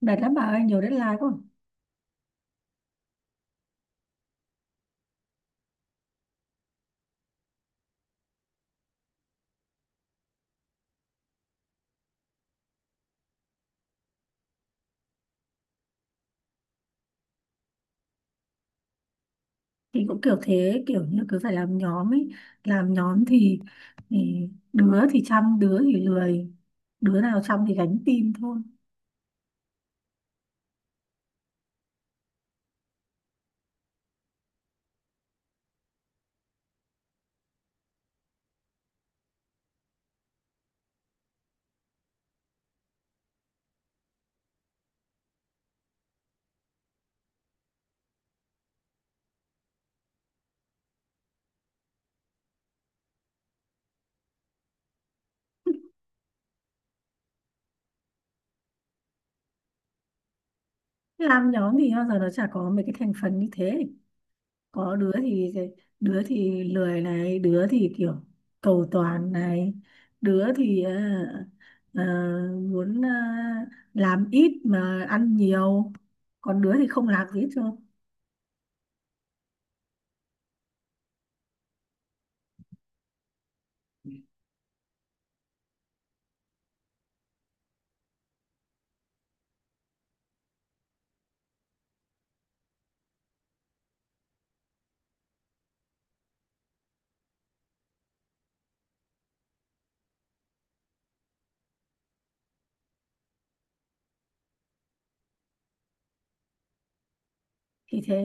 Mệt lắm bà ơi, nhiều deadline quá. Thì cũng kiểu thế, kiểu như cứ phải làm nhóm ấy. Làm nhóm thì đứa thì chăm, đứa thì lười. Đứa nào chăm thì gánh team thôi. Làm nhóm thì bao giờ nó chả có mấy cái thành phần như thế. Có đứa thì lười này, đứa thì kiểu cầu toàn này, đứa thì ờ, muốn làm ít mà ăn nhiều. Còn đứa thì không làm gì hết trơn. Thì thế.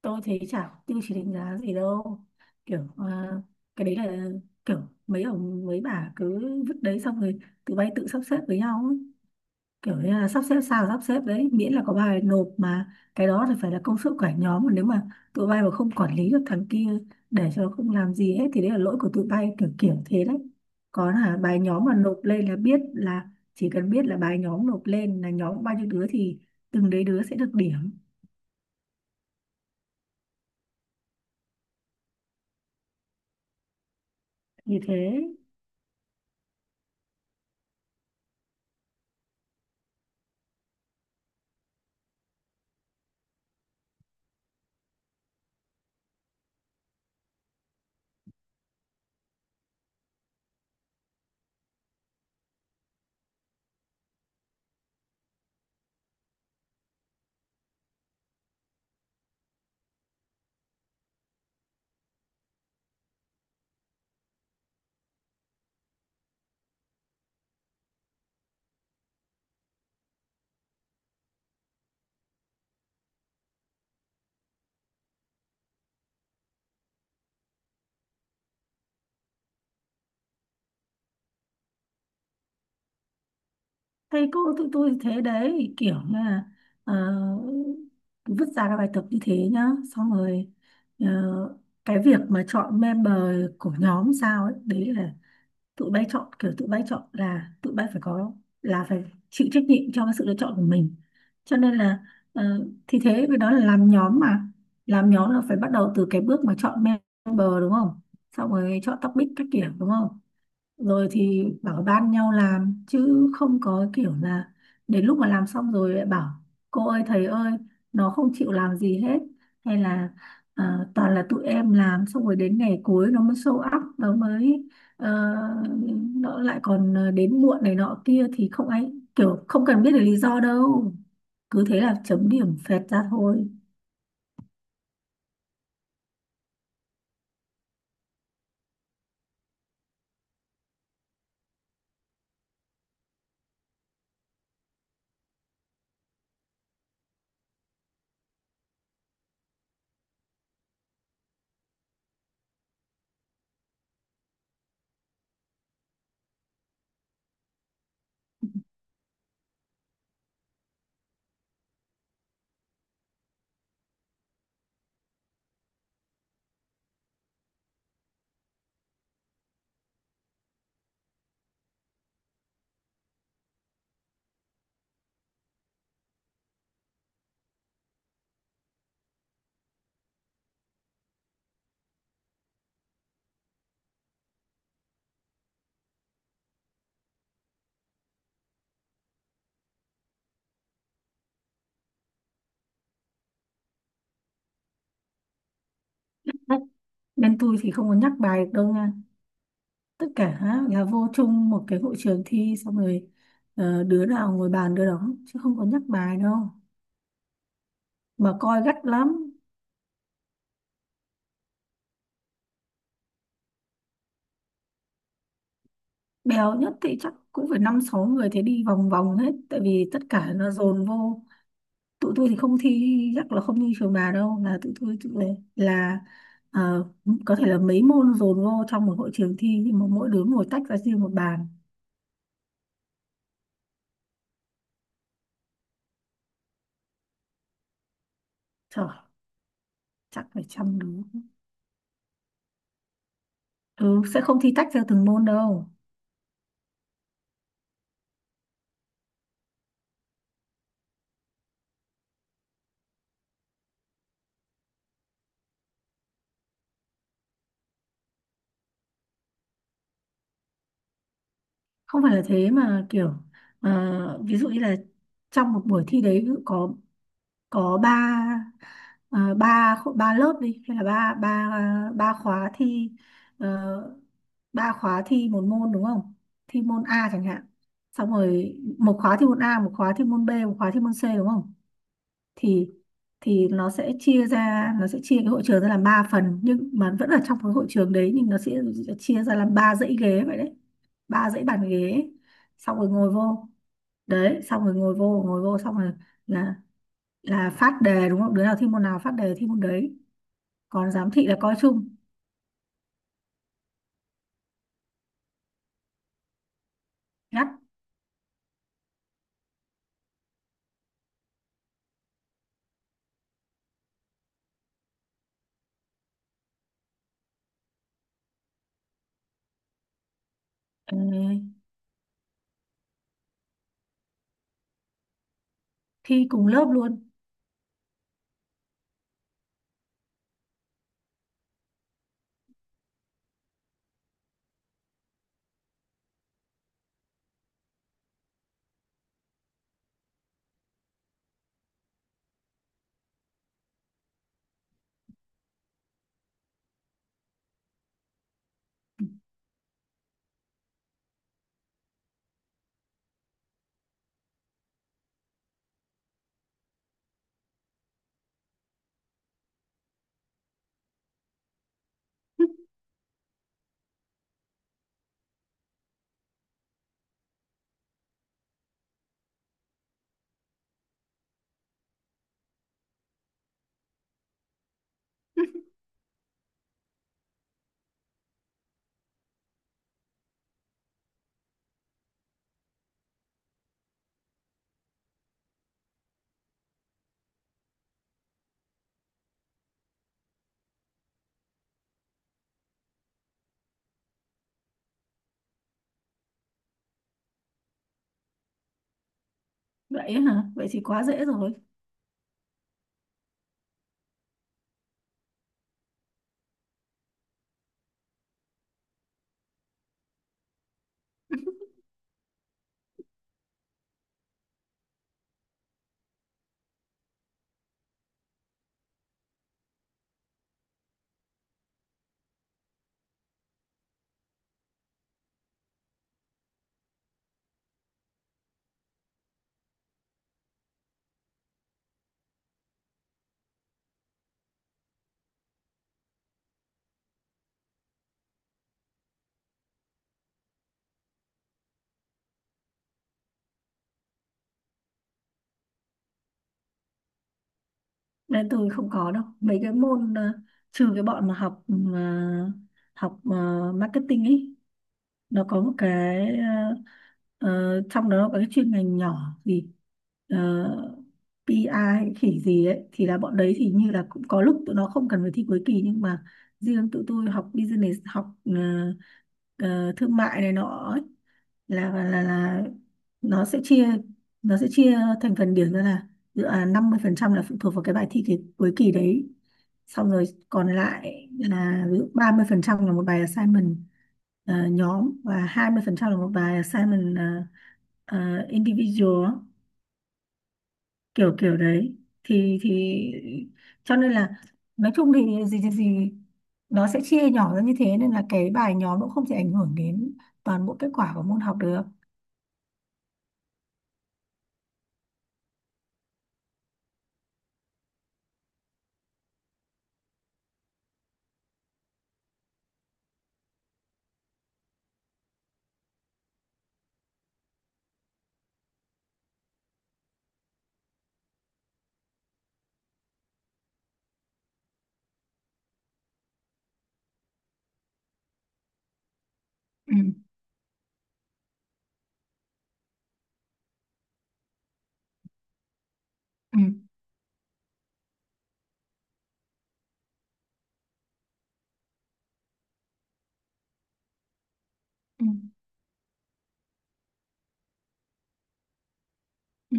Tôi thấy chả có tiêu chí đánh giá gì đâu, kiểu à, cái đấy là kiểu mấy ông mấy bà cứ vứt đấy xong rồi tụi bay tự sắp xếp với nhau ấy. Kiểu như là sắp xếp sao sắp xếp đấy, miễn là có bài nộp mà cái đó thì phải là công sức của cả nhóm, mà nếu mà tụi bay mà không quản lý được thằng kia, để cho nó không làm gì hết thì đấy là lỗi của tụi bay, kiểu kiểu thế đấy. Còn là bài nhóm mà nộp lên là biết là, chỉ cần biết là bài nhóm nộp lên là nhóm bao nhiêu đứa thì từng đấy đứa sẽ được điểm. Như thế. Thầy cô tụi tôi thế đấy, kiểu là ờ, vứt ra các bài tập như thế nhá, xong rồi ờ, cái việc mà chọn member của nhóm sao ấy, đấy là tụi bay chọn, kiểu tụi bay chọn là tụi bay phải có, là phải chịu trách nhiệm cho cái sự lựa chọn của mình, cho nên là thì thế. Với đó là làm nhóm mà, làm nhóm là phải bắt đầu từ cái bước mà chọn member đúng không, xong rồi chọn topic các kiểu đúng không, rồi thì bảo ban nhau làm, chứ không có kiểu là đến lúc mà làm xong rồi lại bảo cô ơi thầy ơi, nó không chịu làm gì hết, hay là toàn là tụi em làm xong rồi đến ngày cuối nó mới show up, nó mới ờ, nó lại còn đến muộn này nọ kia, thì không ai, kiểu không cần biết được lý do đâu, cứ thế là chấm điểm phẹt ra thôi. Nên tôi thì không có nhắc bài được đâu nha, tất cả là vô chung một cái hội trường thi, xong rồi đứa nào ngồi bàn đứa đó chứ không có nhắc bài đâu, mà coi gắt lắm. Bèo nhất thì chắc cũng phải năm sáu người thế, đi vòng vòng hết tại vì tất cả nó dồn vô. Tụi tôi thì không thi, chắc là không như trường bà đâu, là tụi tôi tụi này là ờ, có thể là mấy môn dồn vô trong một hội trường thi, nhưng mà mỗi đứa ngồi tách ra riêng một bàn. Trời, chắc phải 100 đứa. Ừ, sẽ không thi tách theo từng môn đâu. Không phải là thế mà kiểu ví dụ như là trong một buổi thi đấy, ví dụ có ba, ba lớp đi, hay là ba ba ba khóa thi, ờ, ba khóa thi một môn đúng không, thi môn A chẳng hạn, xong rồi một khóa thi môn A, một khóa thi môn B, một khóa thi môn C đúng không, thì thì nó sẽ chia ra, nó sẽ chia cái hội trường ra làm ba phần nhưng mà vẫn ở trong cái hội trường đấy, nhưng nó sẽ chia ra làm ba dãy ghế vậy đấy, ba dãy bàn ghế, xong rồi ngồi vô đấy, xong rồi ngồi vô xong rồi, là là phát đề đúng không, đứa nào thi môn nào phát đề thi môn đấy, còn giám thị là coi chung. Ngắt. ờ, Thi cùng lớp luôn. Vậy ấy hả, vậy thì quá dễ rồi. Nên tôi không có đâu, mấy cái môn trừ cái bọn mà học ờ, học marketing ấy, nó có một cái ờ, trong đó nó có cái chuyên ngành nhỏ gì, uh, PI a hay khỉ gì ấy, thì là bọn đấy thì như là cũng có lúc tụi nó không cần phải thi cuối kỳ, nhưng mà riêng tụi tôi học business, học ờ, thương mại này nọ ấy, là nó sẽ chia, nó sẽ chia thành phần điểm ra là dự án 50% là phụ thuộc vào cái bài thi, cái, cuối kỳ đấy, xong rồi còn lại là ví dụ 30% là một bài assignment nhóm, và 20% là một bài assignment individual á, kiểu kiểu đấy, thì cho nên là nói chung thì gì thì gì, nó sẽ chia nhỏ ra như thế nên là cái bài nhóm cũng không thể ảnh hưởng đến toàn bộ kết quả của môn học được. Ừ. Ừ. Ừ, ừ,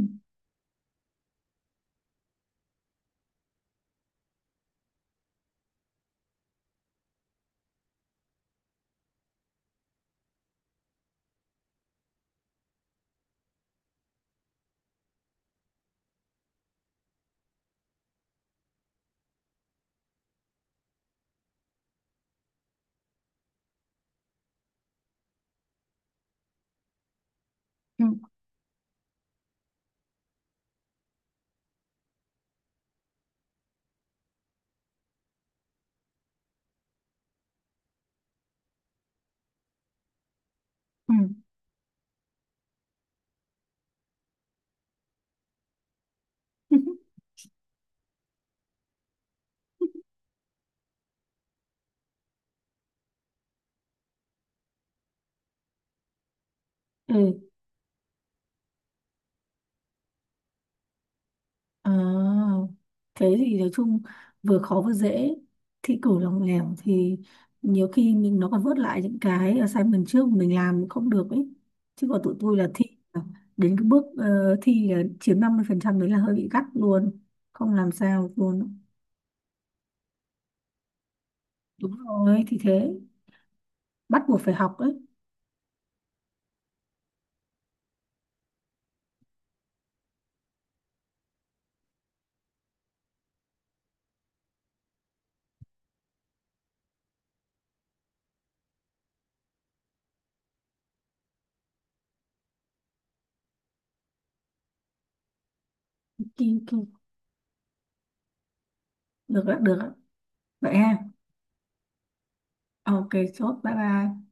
ừ, ừ. Ừ. À, cái gì nói chung vừa khó vừa dễ, thi cử lòng lẻo thì nhiều khi mình nó còn vớt lại những cái assignment trước mình làm không được ấy, chứ còn tụi tôi là thi, là đến cái bước thi là chiếm 50% đấy là hơi bị gắt luôn, không làm sao luôn. Đúng rồi, thì thế. Bắt buộc phải học ấy. Kỳ. Được ạ, được ạ. Vậy ha. Ok. Chốt bye bye.